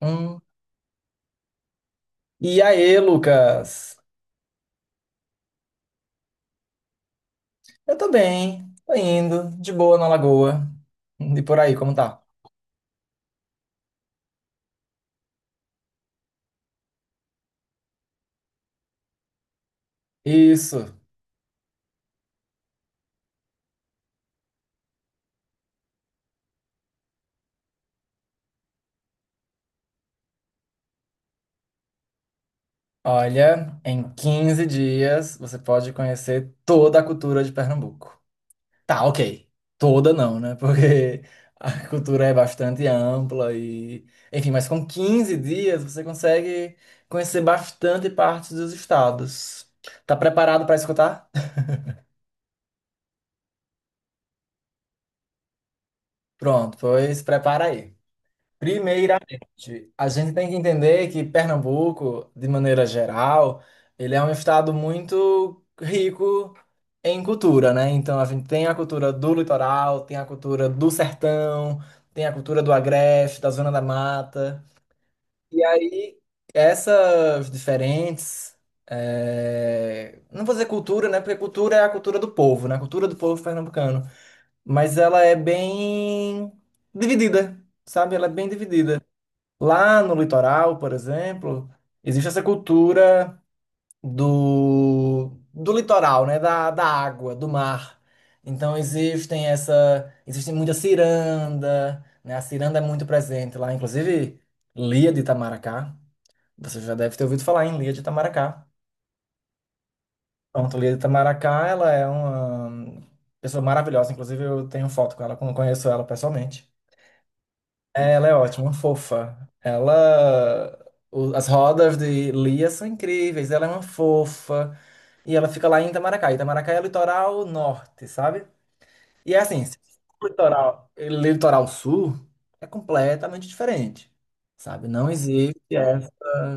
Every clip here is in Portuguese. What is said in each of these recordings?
Hum. E aí, Lucas? Eu tô bem, tô indo, de boa na lagoa. E por aí, como tá? Isso. Olha, em 15 dias você pode conhecer toda a cultura de Pernambuco. Tá, ok. Toda não, né? Porque a cultura é bastante ampla e. Enfim, mas com 15 dias você consegue conhecer bastante parte dos estados. Tá preparado pra escutar? Pronto, pois prepara aí. Primeiramente, a gente tem que entender que Pernambuco, de maneira geral, ele é um estado muito rico em cultura, né? Então a gente tem a cultura do litoral, tem a cultura do sertão, tem a cultura do agreste, da zona da mata. E aí, essas diferentes, não vou dizer cultura, né? Porque cultura é a cultura do povo, né? A cultura do povo pernambucano. Mas ela é bem dividida, sabe? Ela é bem dividida. Lá no litoral, por exemplo, existe essa cultura do litoral, né? Da água, do mar. Então existe muita ciranda, né? A ciranda é muito presente lá, inclusive Lia de Itamaracá. Você já deve ter ouvido falar em Lia de Itamaracá. Pronto, Lia de Itamaracá, ela é uma pessoa maravilhosa, inclusive eu tenho foto com ela, como conheço ela pessoalmente. É, ela é ótima, uma fofa. As rodas de Lia são incríveis, ela é uma fofa. E ela fica lá em Itamaracá. Itamaracá é o litoral norte, sabe? E é assim, se for litoral, litoral sul é completamente diferente, sabe? Não existe essa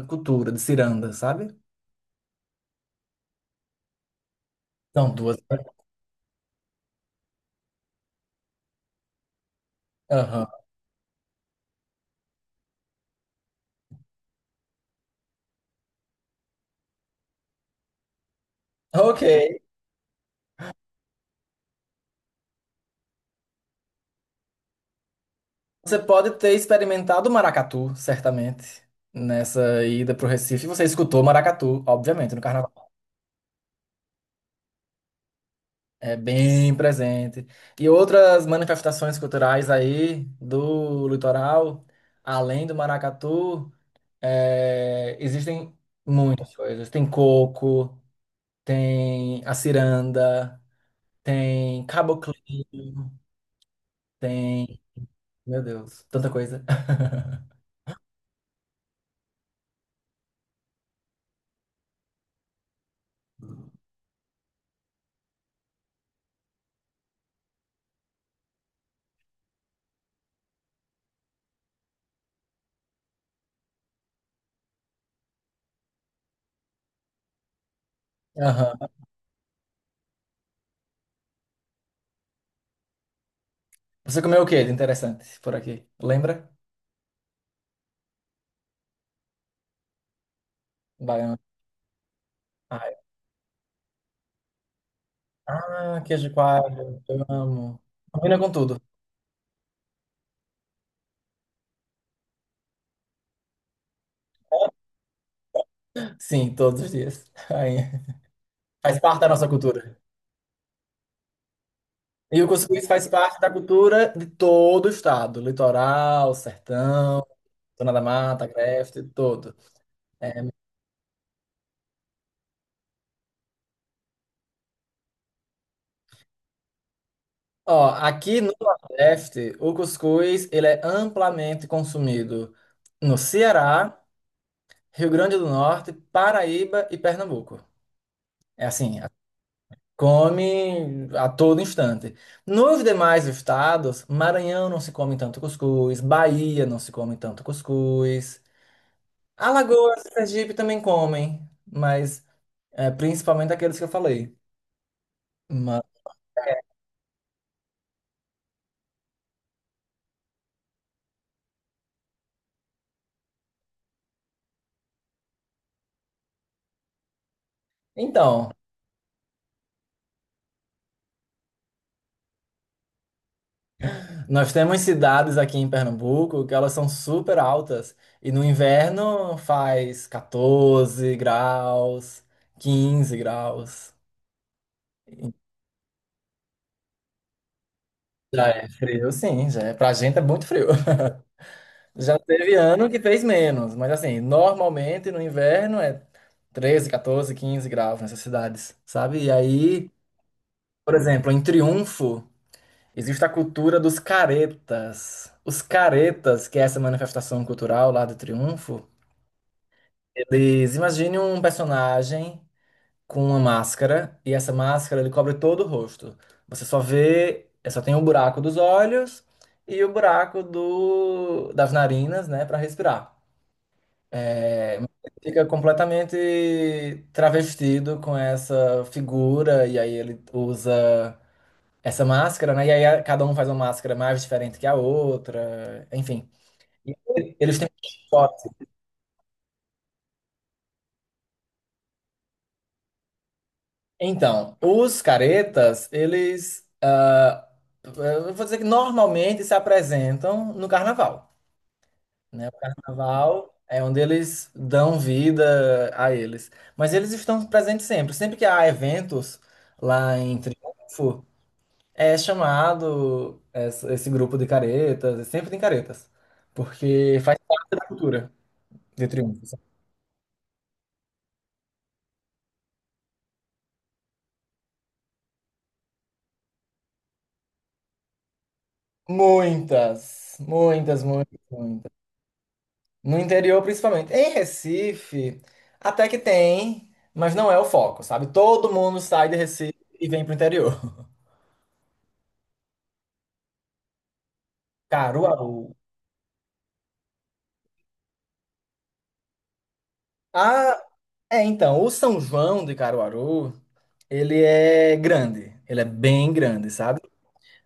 cultura de ciranda, sabe? São duas. Aham. Ok. Você pode ter experimentado o maracatu, certamente, nessa ida pro Recife. Você escutou maracatu, obviamente, no carnaval. É bem presente. E outras manifestações culturais aí do litoral, além do maracatu, existem muitas coisas. Tem coco, tem a ciranda, tem caboclinho, tem. Meu Deus, tanta coisa. Aham. Você comeu o que de interessante por aqui? Lembra? Baiana. Ai, ah, queijo de coalho, eu amo. Combina com tudo. Sim, todos os dias. Ai, faz parte da nossa cultura. E o cuscuz faz parte da cultura de todo o estado, litoral, sertão, zona da mata, agreste, todo. É, ó, aqui no Nordeste, o cuscuz ele é amplamente consumido no Ceará, Rio Grande do Norte, Paraíba e Pernambuco. É assim, a- Come a todo instante. Nos demais estados, Maranhão não se come tanto cuscuz, Bahia não se come tanto cuscuz, Alagoas, e Sergipe também comem, mas é, principalmente aqueles que eu falei. Mas, então, nós temos cidades aqui em Pernambuco que elas são super altas e no inverno faz 14 graus, 15 graus. Já é frio, sim, já é. Pra gente é muito frio. Já teve ano que fez menos, mas assim, normalmente no inverno é 13, 14, 15 graus nessas cidades, sabe? E aí, por exemplo, em Triunfo. Existe a cultura dos caretas. Os caretas, que é essa manifestação cultural lá do Triunfo, eles imaginem um personagem com uma máscara e essa máscara ele cobre todo o rosto. Você só vê, só tem o buraco dos olhos e o buraco das narinas, né, para respirar. Fica completamente travestido com essa figura e aí ele usa essa máscara, né? E aí cada um faz uma máscara mais diferente que a outra, enfim. E eles têm foto. Então, os caretas, eles, eu vou dizer que normalmente se apresentam no carnaval, né? O carnaval é onde eles dão vida a eles. Mas eles estão presentes sempre. Sempre que há eventos lá em Triunfo, é chamado esse grupo de caretas, sempre tem caretas, porque faz parte da cultura de Triunfo. Muitas, muitas, muitas, muitas. No interior, principalmente. Em Recife, até que tem, mas não é o foco, sabe? Todo mundo sai de Recife e vem pro interior. Caruaru. Ah, é, então, o São João de Caruaru, ele é grande. Ele é bem grande, sabe?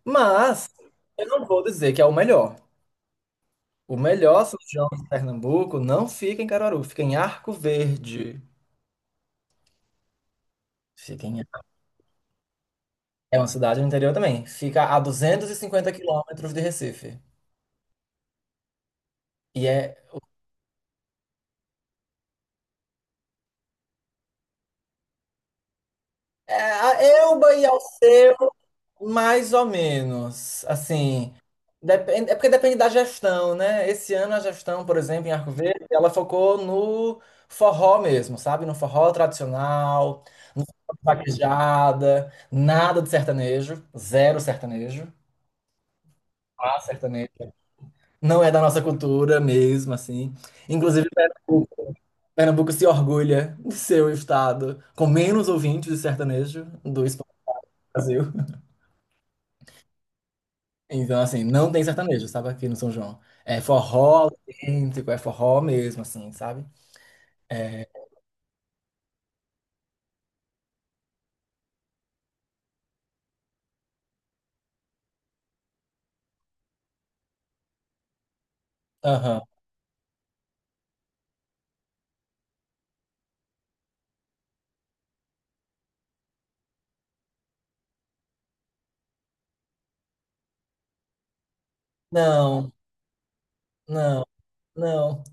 Mas eu não vou dizer que é o melhor. O melhor São João de Pernambuco não fica em Caruaru, fica em Arco Verde. Fica em... É uma cidade no interior também. Fica a 250 quilômetros de Recife. E é é, a Elba e Alceu, mais ou menos. Assim, depende, é porque depende da gestão, né? Esse ano a gestão, por exemplo, em Arco Verde, ela focou no forró mesmo, sabe? No forró tradicional, no forró de vaquejada, nada de sertanejo, zero sertanejo. Ah, sertanejo. Não é da nossa cultura mesmo, assim. Inclusive, Pernambuco se orgulha de ser o estado com menos ouvintes de sertanejo do Brasil. Então, assim, não tem sertanejo, sabe, aqui no São João. É forró autêntico, é forró mesmo, assim, sabe? Aham. Não, não, não.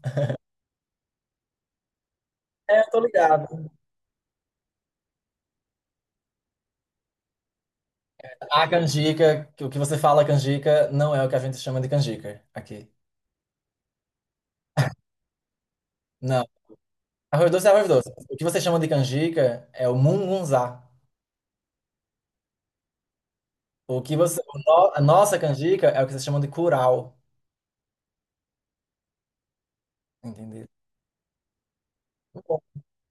É, eu tô ligado. A canjica, que o que você fala canjica, não é o que a gente chama de canjica aqui. Não. Arroz doce é arroz doce. O que você chama de canjica é o mungunzá. O que você, o no- a nossa canjica é o que você chama de curau, entendeu?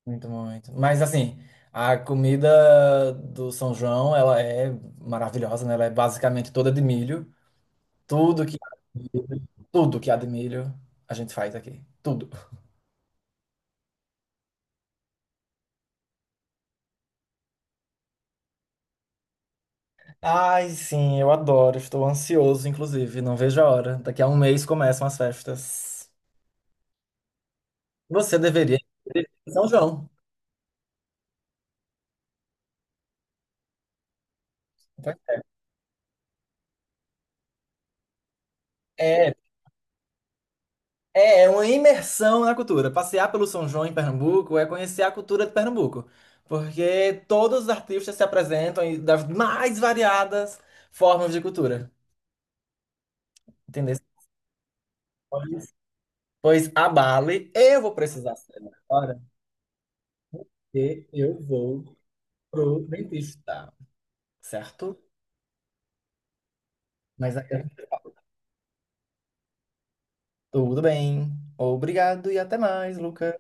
Muito, muito. Mas assim, a comida do São João, ela é maravilhosa, né? Ela é basicamente toda de milho. Tudo que há de milho, tudo que há de milho, a gente faz aqui. Tudo. Ai, sim, eu adoro. Estou ansioso, inclusive. Não vejo a hora. Daqui a 1 mês começam as festas. Você deveria ir em São João. É, É, é uma imersão na cultura. Passear pelo São João em Pernambuco é conhecer a cultura de Pernambuco, porque todos os artistas se apresentam em- das mais variadas formas de cultura. Entendeu? Pois, pois abale, eu vou precisar sair agora, porque eu vou pro dentista, certo? Mas é, tudo bem. Obrigado e até mais, Lucas.